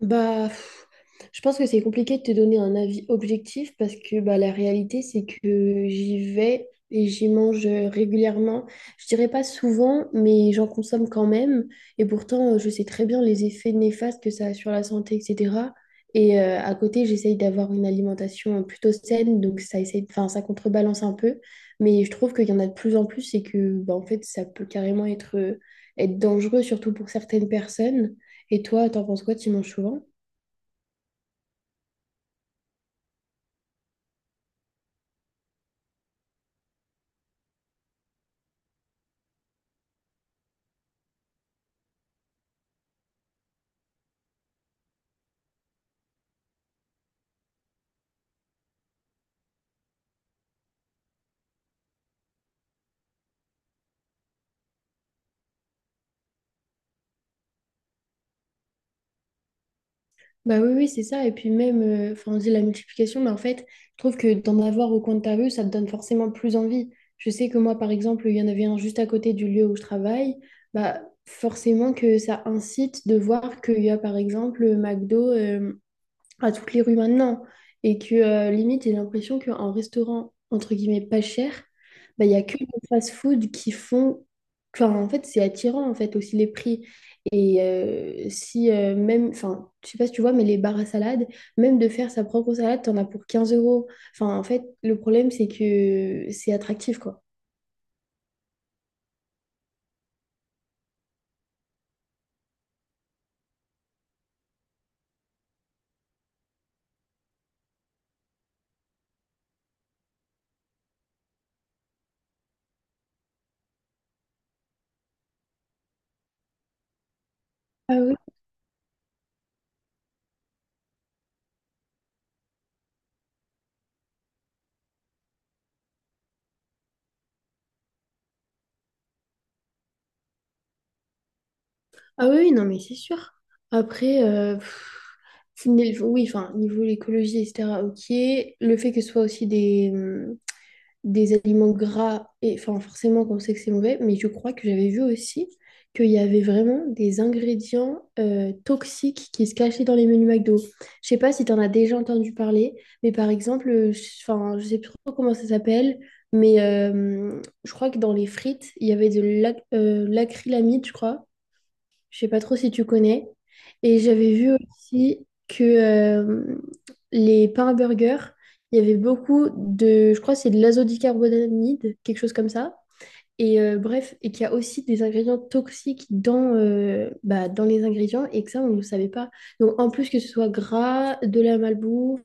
Bah, pff, je pense que c'est compliqué de te donner un avis objectif parce que bah, la réalité, c'est que j'y vais et j'y mange régulièrement. Je dirais pas souvent, mais j'en consomme quand même. Et pourtant, je sais très bien les effets néfastes que ça a sur la santé, etc. Et à côté, j'essaye d'avoir une alimentation plutôt saine, donc ça essaye, enfin, ça contrebalance un peu. Mais je trouve qu'il y en a de plus en plus et que bah, en fait, ça peut carrément être, être dangereux, surtout pour certaines personnes. Et toi, t'en penses quoi? Tu manges souvent? Bah oui, oui, c'est ça. Et puis même, enfin, on dit la multiplication, mais en fait, je trouve que d'en avoir au coin de ta rue, ça te donne forcément plus envie. Je sais que moi, par exemple, il y en avait un juste à côté du lieu où je travaille. Bah forcément que ça incite de voir qu'il y a, par exemple, McDo à toutes les rues maintenant. Et que limite, j'ai l'impression qu'en restaurant, entre guillemets, pas cher, bah, il n'y a que les fast-food qui font… Enfin, en fait, c'est attirant, en fait, aussi les prix. Et si même… Enfin, je sais pas si tu vois, mais les bars à salade, même de faire sa propre salade, t'en as pour 15 euros. Enfin, en fait, le problème, c'est que c'est attractif, quoi. Ah oui, ah oui, non, mais c'est sûr. Après, pff, oui, enfin, niveau l'écologie, etc., ok. Le fait que ce soit aussi des aliments gras, et enfin forcément qu'on sait que c'est mauvais, mais je crois que j'avais vu aussi qu'il y avait vraiment des ingrédients toxiques qui se cachaient dans les menus McDo. Je sais pas si tu en as déjà entendu parler, mais par exemple, enfin, je sais plus trop comment ça s'appelle, mais je crois que dans les frites, il y avait de l'acrylamide, je crois, je sais pas trop si tu connais. Et j'avais vu aussi que les pains burgers, il y avait beaucoup de, je crois que c'est de l'azodicarbonamide, quelque chose comme ça. Et bref, et qu'il y a aussi des ingrédients toxiques dans, bah, dans les ingrédients et que ça, on ne le savait pas. Donc en plus que ce soit gras, de la malbouffe,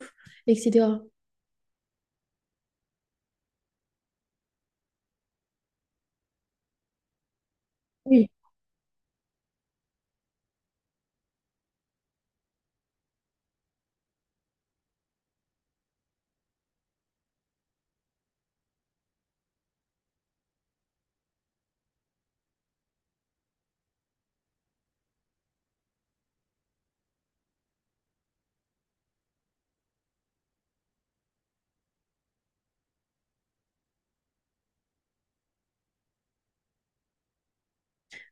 etc.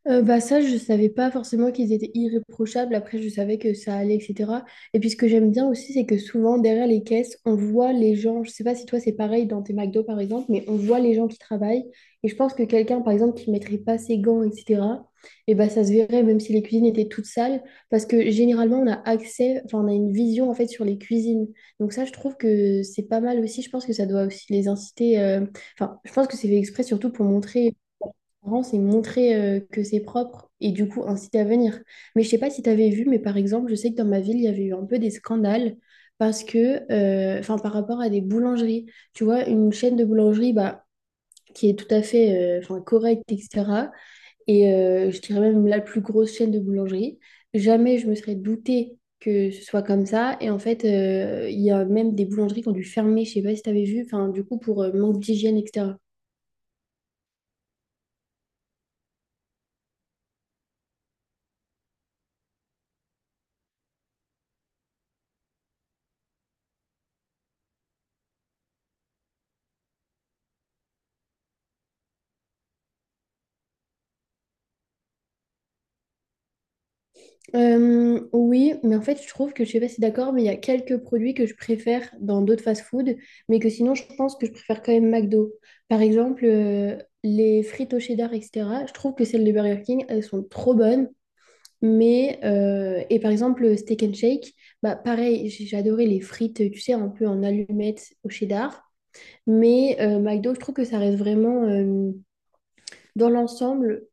Bah ça, je savais pas forcément qu'ils étaient irréprochables. Après, je savais que ça allait, etc. Et puis, ce que j'aime bien aussi, c'est que souvent, derrière les caisses, on voit les gens. Je sais pas si toi, c'est pareil dans tes McDo, par exemple, mais on voit les gens qui travaillent. Et je pense que quelqu'un, par exemple, qui mettrait pas ses gants, etc., et bah, ça se verrait, même si les cuisines étaient toutes sales. Parce que généralement, on a accès, enfin, on a une vision, en fait, sur les cuisines. Donc ça, je trouve que c'est pas mal aussi. Je pense que ça doit aussi les inciter. Enfin, je pense que c'est fait exprès, surtout pour montrer parents, c'est montrer que c'est propre et du coup inciter à venir. Mais je sais pas si tu avais vu, mais par exemple, je sais que dans ma ville, il y avait eu un peu des scandales parce que, enfin, par rapport à des boulangeries, tu vois, une chaîne de boulangerie, bah, qui est tout à fait, enfin, correcte, etc. Et je dirais même la plus grosse chaîne de boulangerie. Jamais je me serais doutée que ce soit comme ça. Et en fait, il y a même des boulangeries qui ont dû fermer, je sais pas si tu avais vu, enfin, du coup, pour manque d'hygiène, etc. Oui, mais en fait, je trouve que je sais pas si t'es d'accord, mais il y a quelques produits que je préfère dans d'autres fast-food, mais que sinon, je pense que je préfère quand même McDo. Par exemple, les frites au cheddar, etc. Je trouve que celles de Burger King, elles sont trop bonnes. Mais, et par exemple, le steak and shake, bah pareil, j'ai adoré les frites, tu sais, un peu en allumettes au cheddar. Mais McDo, je trouve que ça reste vraiment, dans l'ensemble,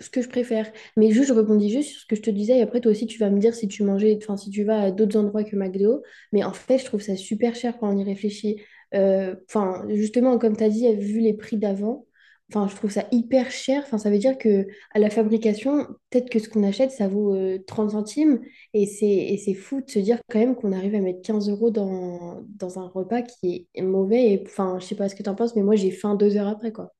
ce que je préfère. Mais juste, je rebondis juste sur ce que je te disais, et après, toi aussi, tu vas me dire si tu mangeais, enfin, si tu vas à d'autres endroits que McDo. Mais en fait, je trouve ça super cher quand on y réfléchit. Enfin, justement, comme tu as dit, vu les prix d'avant, enfin, je trouve ça hyper cher. Enfin, ça veut dire que à la fabrication, peut-être que ce qu'on achète, ça vaut 30 centimes. Et c'est fou de se dire quand même qu'on arrive à mettre 15 € dans, dans un repas qui est mauvais. Et, enfin, je sais pas ce que tu en penses, mais moi, j'ai faim 2 heures après, quoi.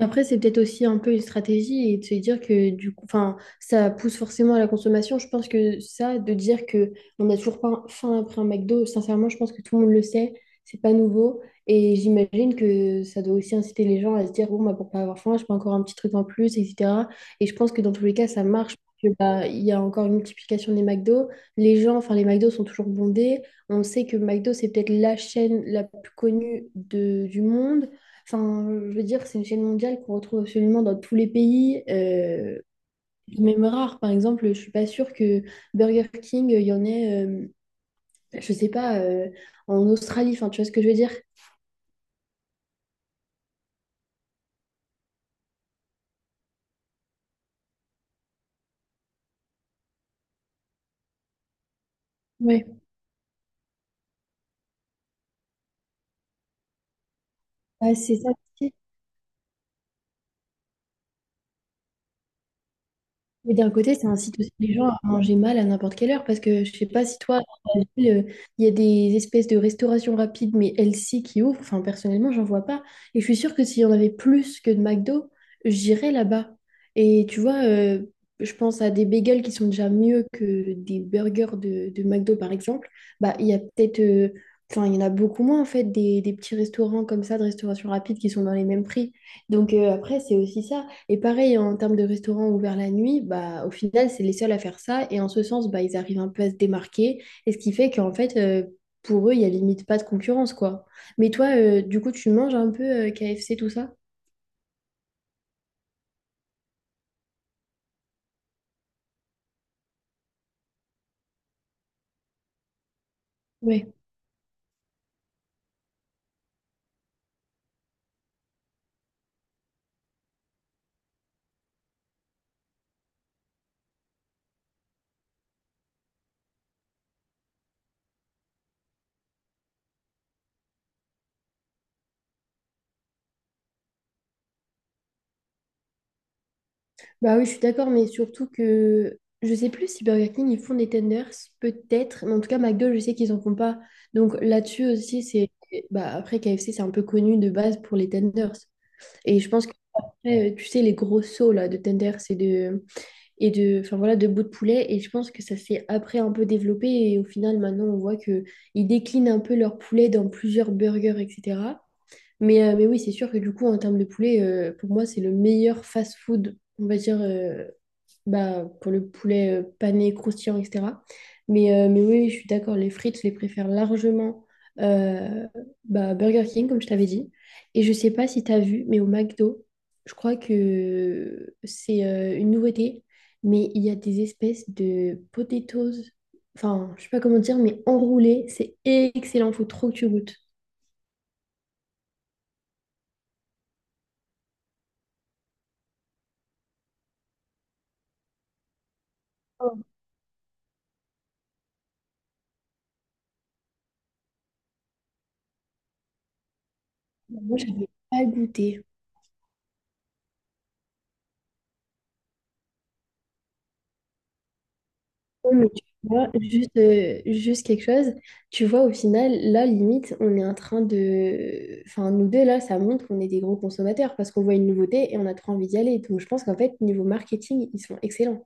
Et après, c'est peut-être aussi un peu une stratégie et de se dire que du coup, enfin, ça pousse forcément à la consommation. Je pense que ça, de dire que on n'a toujours pas faim après un McDo, sincèrement, je pense que tout le monde le sait, c'est pas nouveau. Et j'imagine que ça doit aussi inciter les gens à se dire, bon, bah, pour pas avoir faim, je prends encore un petit truc en plus, etc. Et je pense que dans tous les cas, ça marche. Parce que, bah, il y a encore une multiplication des McDo. Les gens, enfin, les McDo sont toujours bondés. On sait que McDo, c'est peut-être la chaîne la plus connue de, du monde. Enfin, je veux dire, c'est une chaîne mondiale qu'on retrouve absolument dans tous les pays. Même rare, par exemple, je suis pas sûre que Burger King, il y en ait, je sais pas, en Australie. Enfin, tu vois ce que je veux dire? Ouais. Ah, c'est ça. Mais d'un côté, ça incite aussi les gens à manger mal à n'importe quelle heure parce que je sais pas si toi, dans ta ville, il y a des espèces de restauration rapide mais healthy qui ouvrent. Enfin, personnellement, j'en vois pas. Et je suis sûre que s'il y en avait plus que de McDo, j'irais là-bas. Et tu vois, je pense à des bagels qui sont déjà mieux que des burgers de McDo, par exemple. Bah, il y a peut-être, enfin, il y en a beaucoup moins en fait des petits restaurants comme ça de restauration rapide qui sont dans les mêmes prix. Donc après, c'est aussi ça. Et pareil, en termes de restaurants ouverts la nuit, bah, au final, c'est les seuls à faire ça. Et en ce sens, bah, ils arrivent un peu à se démarquer. Et ce qui fait qu'en fait, pour eux, il n'y a limite pas de concurrence, quoi. Mais toi, du coup, tu manges un peu KFC, tout ça? Ouais. Bah oui, je suis d'accord, mais surtout que je sais plus si Burger King, ils font des tenders, peut-être. Mais en tout cas, McDo, je sais qu'ils en font pas. Donc là-dessus aussi, c'est… Bah, après, KFC, c'est un peu connu de base pour les tenders. Et je pense que, tu sais, les gros sauts là, de tenders et de, enfin voilà, de bouts de poulet. Et je pense que ça s'est après un peu développé. Et au final, maintenant, on voit que ils déclinent un peu leur poulet dans plusieurs burgers, etc. Mais oui, c'est sûr que du coup, en termes de poulet, pour moi, c'est le meilleur fast-food, on va dire, bah, pour le poulet pané, croustillant, etc. Mais oui, je suis d'accord, les frites, je les préfère largement euh, bah, Burger King, comme je t'avais dit. Et je sais pas si tu as vu, mais au McDo, je crois que c'est une nouveauté, mais il y a des espèces de potatoes, enfin, je sais pas comment dire, mais enroulées, c'est excellent, faut trop que tu goûtes. Moi, je n'avais pas goûté. Oh, mais tu vois, juste, juste quelque chose, tu vois, au final, là, limite, on est en train de… Enfin, nous deux, là, ça montre qu'on est des gros consommateurs parce qu'on voit une nouveauté et on a trop envie d'y aller. Donc, je pense qu'en fait, niveau marketing, ils sont excellents.